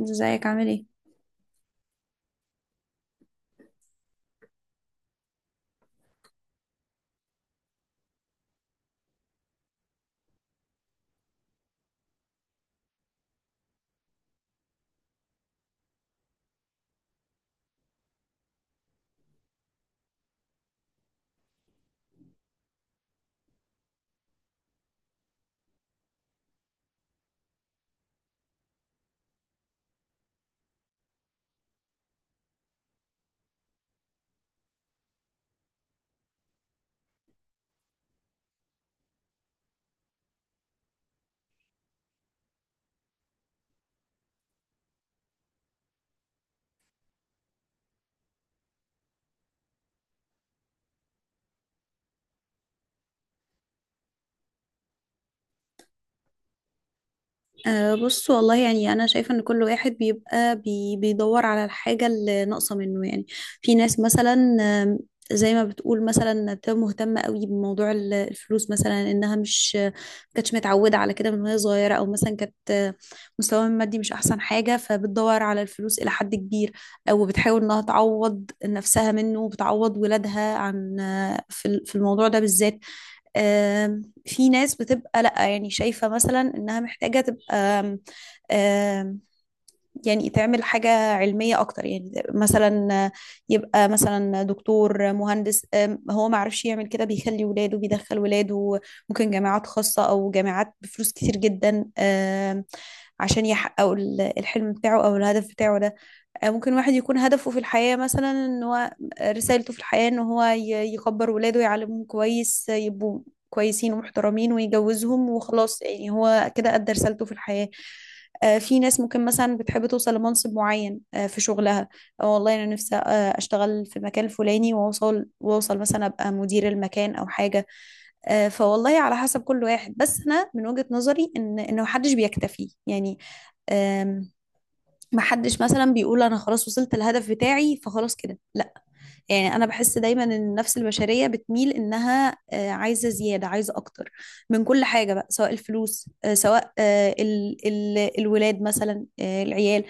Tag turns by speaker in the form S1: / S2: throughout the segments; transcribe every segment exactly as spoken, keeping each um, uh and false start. S1: ازيك عامل ايه؟ أه، بص والله، يعني أنا شايفة إن كل واحد بيبقى بي بيدور على الحاجة اللي ناقصة منه يعني. في ناس مثلا، آم، زي ما بتقول مثلا، بتبقى مهتمة قوي بموضوع ال- الفلوس مثلا، إنها مش ما كانتش متعودة على كده من وهي صغيرة، أو مثلا كانت آه، مستواها المادي مش أحسن حاجة، فبتدور على الفلوس إلى حد كبير، أو بتحاول إنها تعوض نفسها منه وبتعوض ولادها عن آه، في ال- في الموضوع ده بالذات. آم، في ناس بتبقى لأ، يعني شايفة مثلا إنها محتاجة تبقى آم، آم، يعني تعمل حاجة علمية أكتر، يعني مثلا يبقى مثلا دكتور مهندس. آم، هو ما عرفش يعمل كده، بيخلي ولاده، بيدخل ولاده ممكن جامعات خاصة أو جامعات بفلوس كتير جدا، آم، عشان يحققوا ال- الحلم بتاعه أو الهدف بتاعه ده. آه، ممكن واحد يكون هدفه في الحياة مثلا ان هو آه، رسالته في الحياة ان هو ي- يكبر ولاده، يعلمهم كويس، آه، يبقوا كويسين ومحترمين، ويجوزهم، وخلاص يعني هو كده أدى رسالته في الحياة. آه، في ناس ممكن مثلا بتحب توصل لمنصب معين آه، في شغلها. أو والله أنا نفسي آه، أشتغل في مكان الفلاني وأوصل، وأوصل مثلا أبقى مدير المكان أو حاجة. آه، فوالله على حسب كل واحد، بس أنا من وجهة نظري إن إن محدش بيكتفي، يعني ما حدش مثلا بيقول انا خلاص وصلت الهدف بتاعي فخلاص كده، لا. يعني انا بحس دايما ان النفس البشريه بتميل انها آه، عايزه زياده، عايزه اكتر من كل حاجه بقى، سواء الفلوس، آه، سواء آه، ال ال الولاد مثلا، آه، العيال،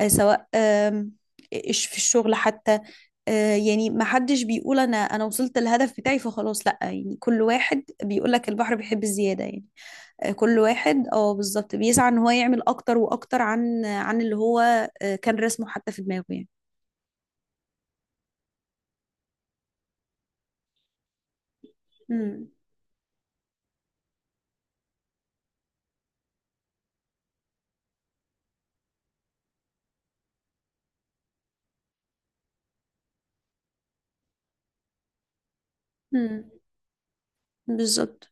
S1: آه، سواء آم، إيش في الشغل حتى. آه، يعني ما حدش بيقول انا انا وصلت الهدف بتاعي فخلاص لا، يعني كل واحد بيقول لك البحر بيحب الزياده يعني. كل واحد اه بالظبط بيسعى ان هو يعمل اكتر واكتر عن عن اللي هو آه، كان رسمه حتى في دماغه يعني. امم. امم. بالظبط.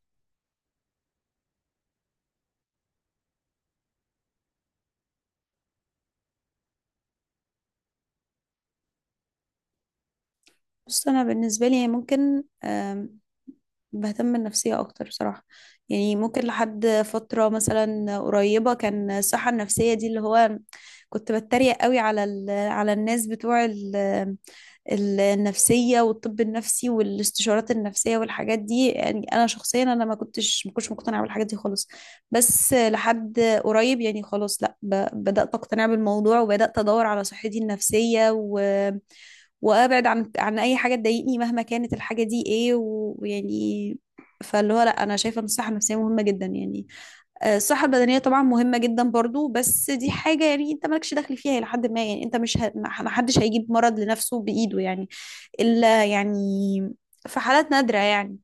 S1: بس انا بالنسبه لي يعني ممكن آم، بهتم بالنفسيه اكتر بصراحه. يعني ممكن لحد فتره مثلا قريبه، كان الصحه النفسيه دي اللي هو كنت بتريق قوي على ال... على الناس بتوع ال... النفسية والطب النفسي والاستشارات النفسية والحاجات دي، يعني أنا شخصيا أنا ما كنتش ما كنتش مقتنعة بالحاجات دي خالص. بس لحد قريب يعني خلاص لا، ب- بدأت أقتنع بالموضوع، وبدأت أدور على صحتي النفسية، و وابعد عن عن اي حاجه تضايقني مهما كانت الحاجه دي ايه و- ويعني، فاللي هو لا، انا شايفه ان الصحه النفسيه مهمه جدا يعني. آه، الصحه البدنيه طبعا مهمه جدا برضو، بس دي حاجه يعني انت مالكش دخل فيها لحد ما، يعني انت مش ه... ما حدش هيجيب مرض لنفسه بايده يعني، إلا يعني في حالات نادرة يعني.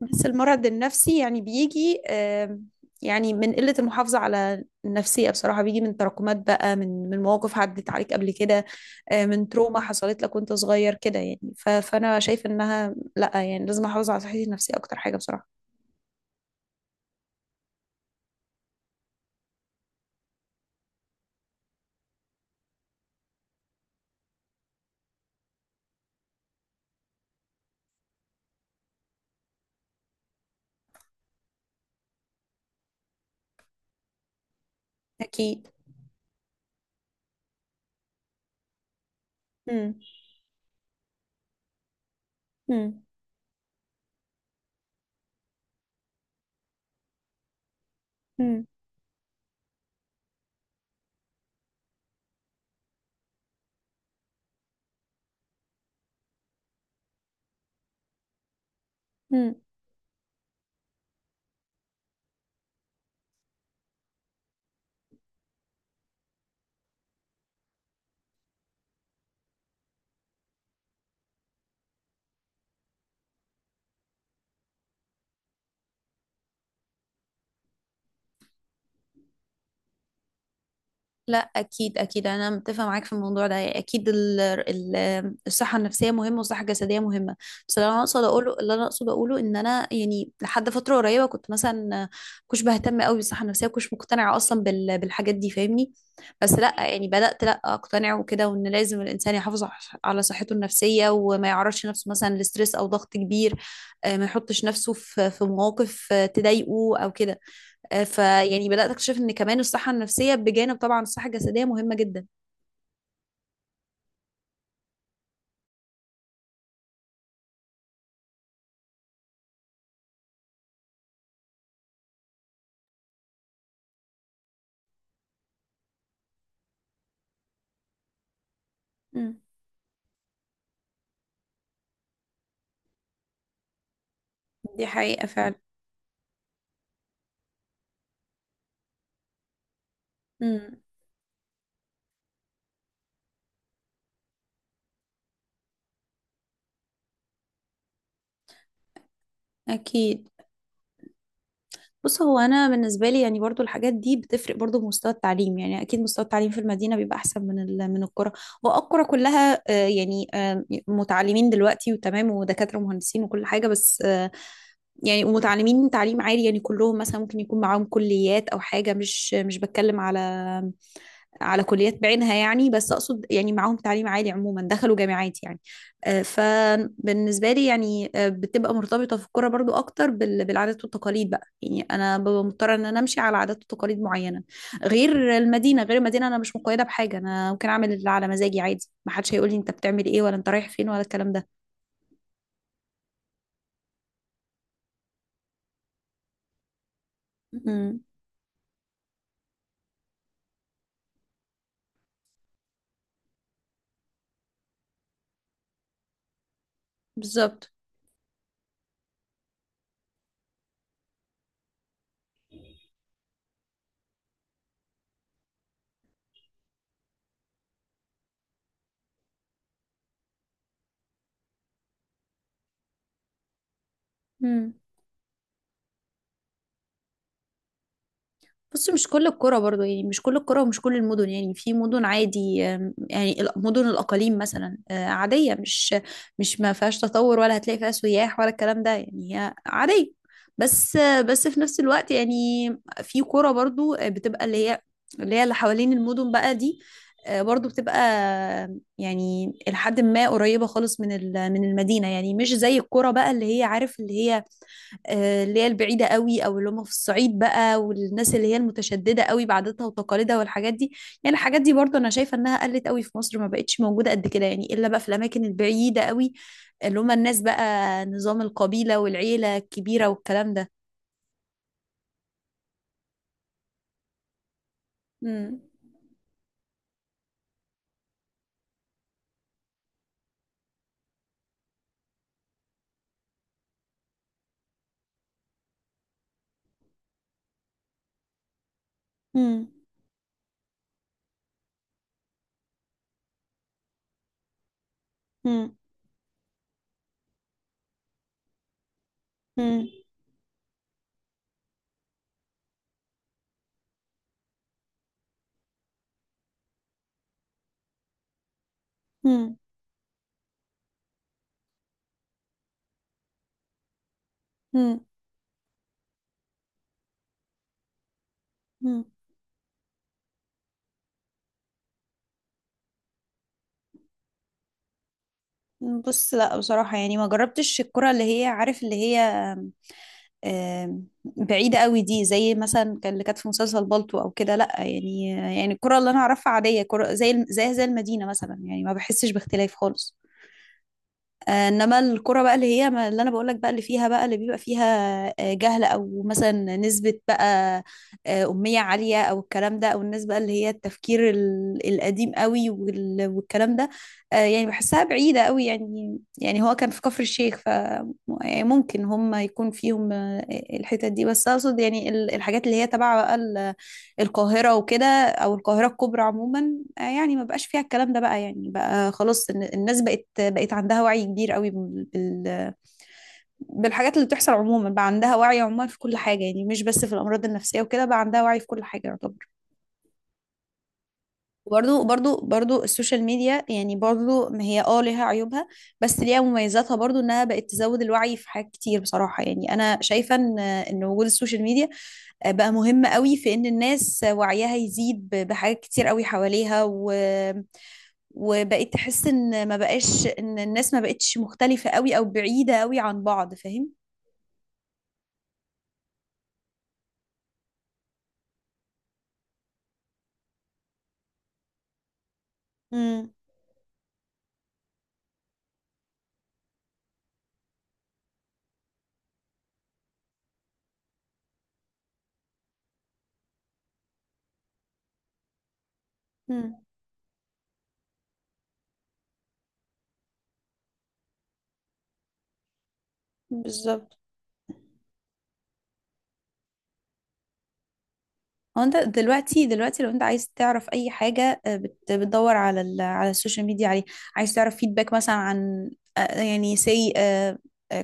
S1: بس المرض النفسي يعني بيجي آم، يعني من قلة المحافظة على النفسية بصراحة، بيجي من تراكمات بقى، من من مواقف عدت عليك قبل كده، آه، من تروما حصلت لك وانت صغير كده يعني. ف- فأنا شايف إنها لأ، يعني لازم أحافظ على صحتي النفسية أكتر حاجة بصراحة. أكيد. مم. مم. مم. مم. لا اكيد، اكيد انا متفقه معاك في الموضوع ده، يعني اكيد ال- ال- الصحه النفسيه مهمه والصحه الجسديه مهمه. بس اللي انا اقصد اقوله اللي انا اقصد اقوله ان انا يعني لحد فتره قريبه كنت مثلا كنت بهتم قوي بالصحه النفسيه، وكنتش مقتنعه اصلا بال- بالحاجات دي فاهمني. بس لا يعني بدات لا اقتنع وكده، وان لازم الانسان يحافظ ع- على صحته النفسيه، وما يعرضش نفسه مثلا لستريس او ضغط كبير، آه، ما يحطش نفسه في في مواقف آه، تضايقه او كده. آه، فيعني بدأت أكتشف إن كمان الصحة النفسية بجانب طبعا الصحة الجسدية مهمة جدا. مم. دي حقيقة فعلا. مم. أكيد. بص، هو أنا بالنسبة لي يعني برضو الحاجات دي بتفرق برضو بمستوى التعليم، يعني أكيد مستوى التعليم في المدينة بيبقى أحسن من ال- من القرى. والقرى كلها آه، يعني آه، متعلمين دلوقتي وتمام، ودكاترة ومهندسين وكل حاجة، بس آه، يعني ومتعلمين تعليم عالي، يعني كلهم مثلا ممكن يكون معاهم كليات أو حاجة، مش مش بتكلم على على كليات بعينها يعني، بس اقصد يعني معاهم تعليم عالي عموما دخلوا جامعات يعني. آه، فبالنسبه لي يعني آه، بتبقى مرتبطه في الكوره برضو اكتر بال- بالعادات والتقاليد بقى، يعني انا ببقى مضطره ان انا امشي على عادات وتقاليد معينه. غير المدينه غير المدينه انا مش مقيده بحاجه، انا ممكن اعمل اللي على مزاجي عادي، ما حدش هيقول لي انت بتعمل ايه ولا انت رايح فين ولا الكلام ده. مم. بالظبط. مم. بص، مش كل القرى برضو يعني، مش كل القرى ومش كل المدن يعني، في مدن عادي، آم، يعني ال- مدن الأقاليم مثلا آه، عادية، مش مش ما فيهاش تطور ولا هتلاقي فيها سياح ولا الكلام ده، يعني هي عادية. بس آه، بس في نفس الوقت يعني، في قرى برضو آه، بتبقى اللي هي اللي هي اللي حوالين المدن بقى دي، آه، برضو بتبقى آه، يعني لحد ما قريبة خالص من ال- من المدينة، يعني مش زي القرى بقى اللي هي عارف اللي هي آه، اللي هي البعيدة قوي، او اللي هم في الصعيد بقى، والناس اللي هي المتشددة قوي بعاداتها وتقاليدها والحاجات دي. يعني الحاجات دي برضو انا شايفة انها قلت قوي في مصر، ما بقتش موجودة قد كده يعني، الا بقى في الاماكن البعيدة قوي، اللي هم الناس بقى نظام القبيلة والعيلة الكبيرة والكلام ده. مم. مم. مم. مم. مم. مم. مم. بص، لا بصراحة يعني ما جربتش الكرة اللي هي عارف اللي هي آم، بعيدة قوي دي، زي مثلا كان اللي كانت في مسلسل بالطو او كده، لا يعني، يعني الكرة اللي انا اعرفها عادية كرة زي الم- زي زي المدينة مثلا، يعني ما بحسش باختلاف خالص. آه، انما الكرة بقى اللي هي ما- اللي انا بقول لك بقى اللي فيها بقى اللي بيبقى فيها آه، جهل، او مثلا نسبة بقى آه، أمية عالية او الكلام ده، او الناس بقى اللي هي التفكير ال- القديم قوي وال- والكلام ده. آه، يعني بحسها بعيدة قوي يعني، يعني هو كان في كفر الشيخ. ف يعني ممكن هم يكون فيهم آه، الحتت دي، بس اقصد يعني ال- الحاجات اللي هي تبع بقى القاهرة وكده، أو القاهرة الكبرى عموما، آه، يعني ما بقاش فيها الكلام ده بقى، يعني بقى خلاص الن- الناس بقت بقت عندها وعي كبير قوي بال... بال- بالحاجات اللي بتحصل عموما، بقى عندها وعي عموما في كل حاجة، يعني مش بس في الأمراض النفسية وكده، بقى عندها وعي في كل حاجة يعتبر. برضو برضو برضو السوشيال ميديا يعني، برضو ما هي اه ليها عيوبها، بس ليها مميزاتها برضو، انها بقت تزود الوعي في حاجات كتير بصراحة، يعني انا شايفة ان ان وجود السوشيال ميديا بقى مهم قوي في ان الناس وعيها يزيد ب- بحاجات كتير قوي حواليها، و... وبقيت تحس ان ما بقاش، ان الناس ما بقتش مختلفة قوي او بعيدة قوي عن بعض فاهم. امم. بالظبط. هو انت دلوقتي، دلوقتي لو انت عايز تعرف اي حاجه آه، بت- بتدور على ال- على السوشيال ميديا عليه، عايز تعرف فيدباك مثلا عن آه، يعني سي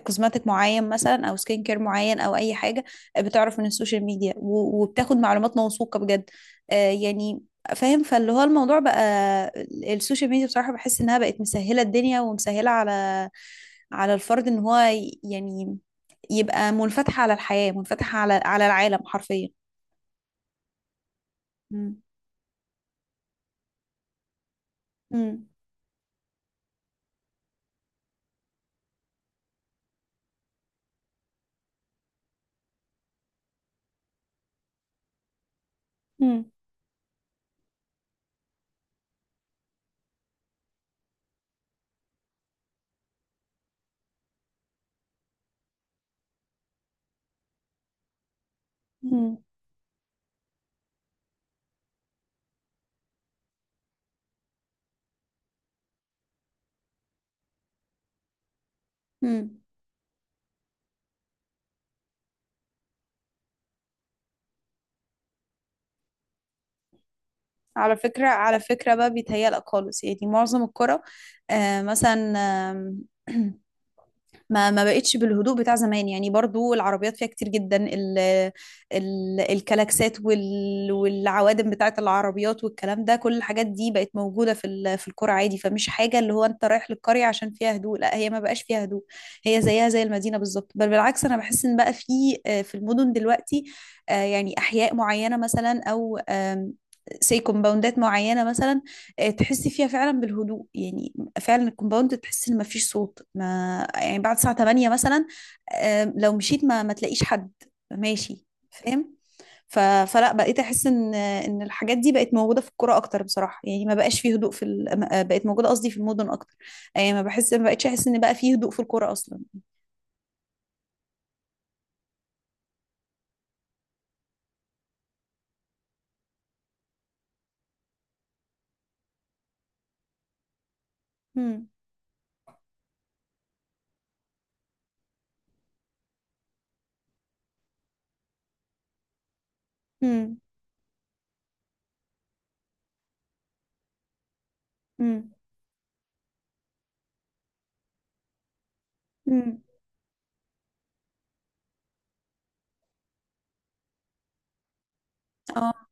S1: كوزماتيك معين مثلا او سكين كير معين، او اي حاجه آه، بتعرف من السوشيال ميديا و- وبتاخد معلومات موثوقه بجد، آه، يعني فاهم. فاللي هو الموضوع بقى ال- السوشيال ميديا بصراحه، بحس انها بقت مسهله الدنيا ومسهله على على الفرد ان هو ي- يعني يبقى منفتح على الحياه، منفتح على على العالم حرفيا. مم. مم. مم. مم. على فكرة، على فكرة بقى بيتهيألك خالص، يعني معظم الكرة آه مثلا آم، ما ما بقتش بالهدوء بتاع زمان، يعني برضو العربيات فيها كتير جدا ال ال الكلاكسات وال والعوادم بتاعت العربيات والكلام ده، كل الحاجات دي بقت موجودة في ال- في القرى عادي، فمش حاجة اللي هو انت رايح للقرية عشان فيها هدوء، لا هي ما بقاش فيها هدوء، هي زيها زي المدينة بالظبط. بل بالعكس، انا بحس ان بقى في آه، في المدن دلوقتي آه، يعني احياء معينة مثلا، او آم، سي كومباوندات معينة مثلا آه، تحسي فيها فعلا بالهدوء يعني. فعلا الكومباوند تحس ان مفيش صوت ما يعني، بعد الساعة ثمانية مثلا، آم، لو مشيت ما ما تلاقيش حد ماشي فاهم. ف... فلا بقيت احس ان ان الحاجات دي بقت موجودة في القرى اكتر بصراحة، يعني ما بقاش فيه هدوء في ال... ما- آه، بقت موجودة قصدي في المدن اكتر، يعني ما بحس ما بقتش احس ان بقى فيه هدوء في القرى اصلا. هم. هم. هم. هم. اه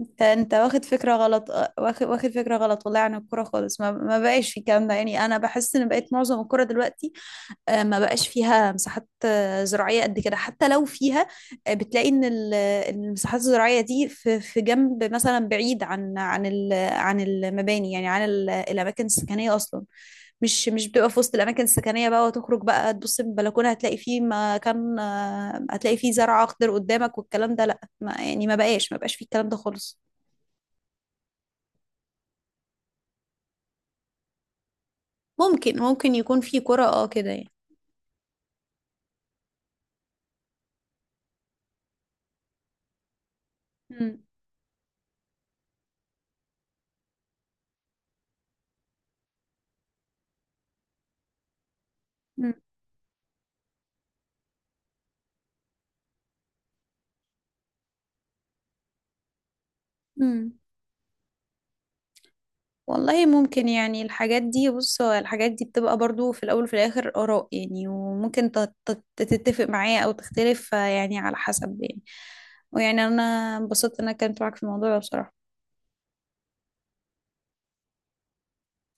S1: انت، انت واخد فكرة غلط، آه، واخد واخد فكرة غلط والله عن الكرة خالص، ما ما بقاش في الكلام ده، يعني انا بحس ان بقيت معظم الكرة دلوقتي آه، ما بقاش فيها مساحات آه، زراعية قد كده، حتى لو فيها آه، بتلاقي ان ال- المساحات الزراعية دي في في جنب مثلا بعيد عن عن ال- عن المباني، يعني عن ال- الأماكن السكنية أصلا، مش مش بتبقى في وسط الأماكن السكنية بقى، وتخرج بقى تبص من البلكونة هتلاقي فيه مكان، آه، هتلاقي فيه زرع أخضر قدامك والكلام ده، لأ ما يعني ما بقاش ما بقاش فيه الكلام ده خالص. ممكن ممكن يكون فيه قرى اه كده يعني. مم. مم. مم. والله ممكن يعني، الحاجات دي بص هو الحاجات دي بتبقى برضو في الأول وفي الآخر آراء يعني، وممكن ت- ت- تتفق معايا أو تختلف يعني على حسب يعني. ويعني أنا انبسطت إن أنا اتكلمت معاك في الموضوع ده بصراحة.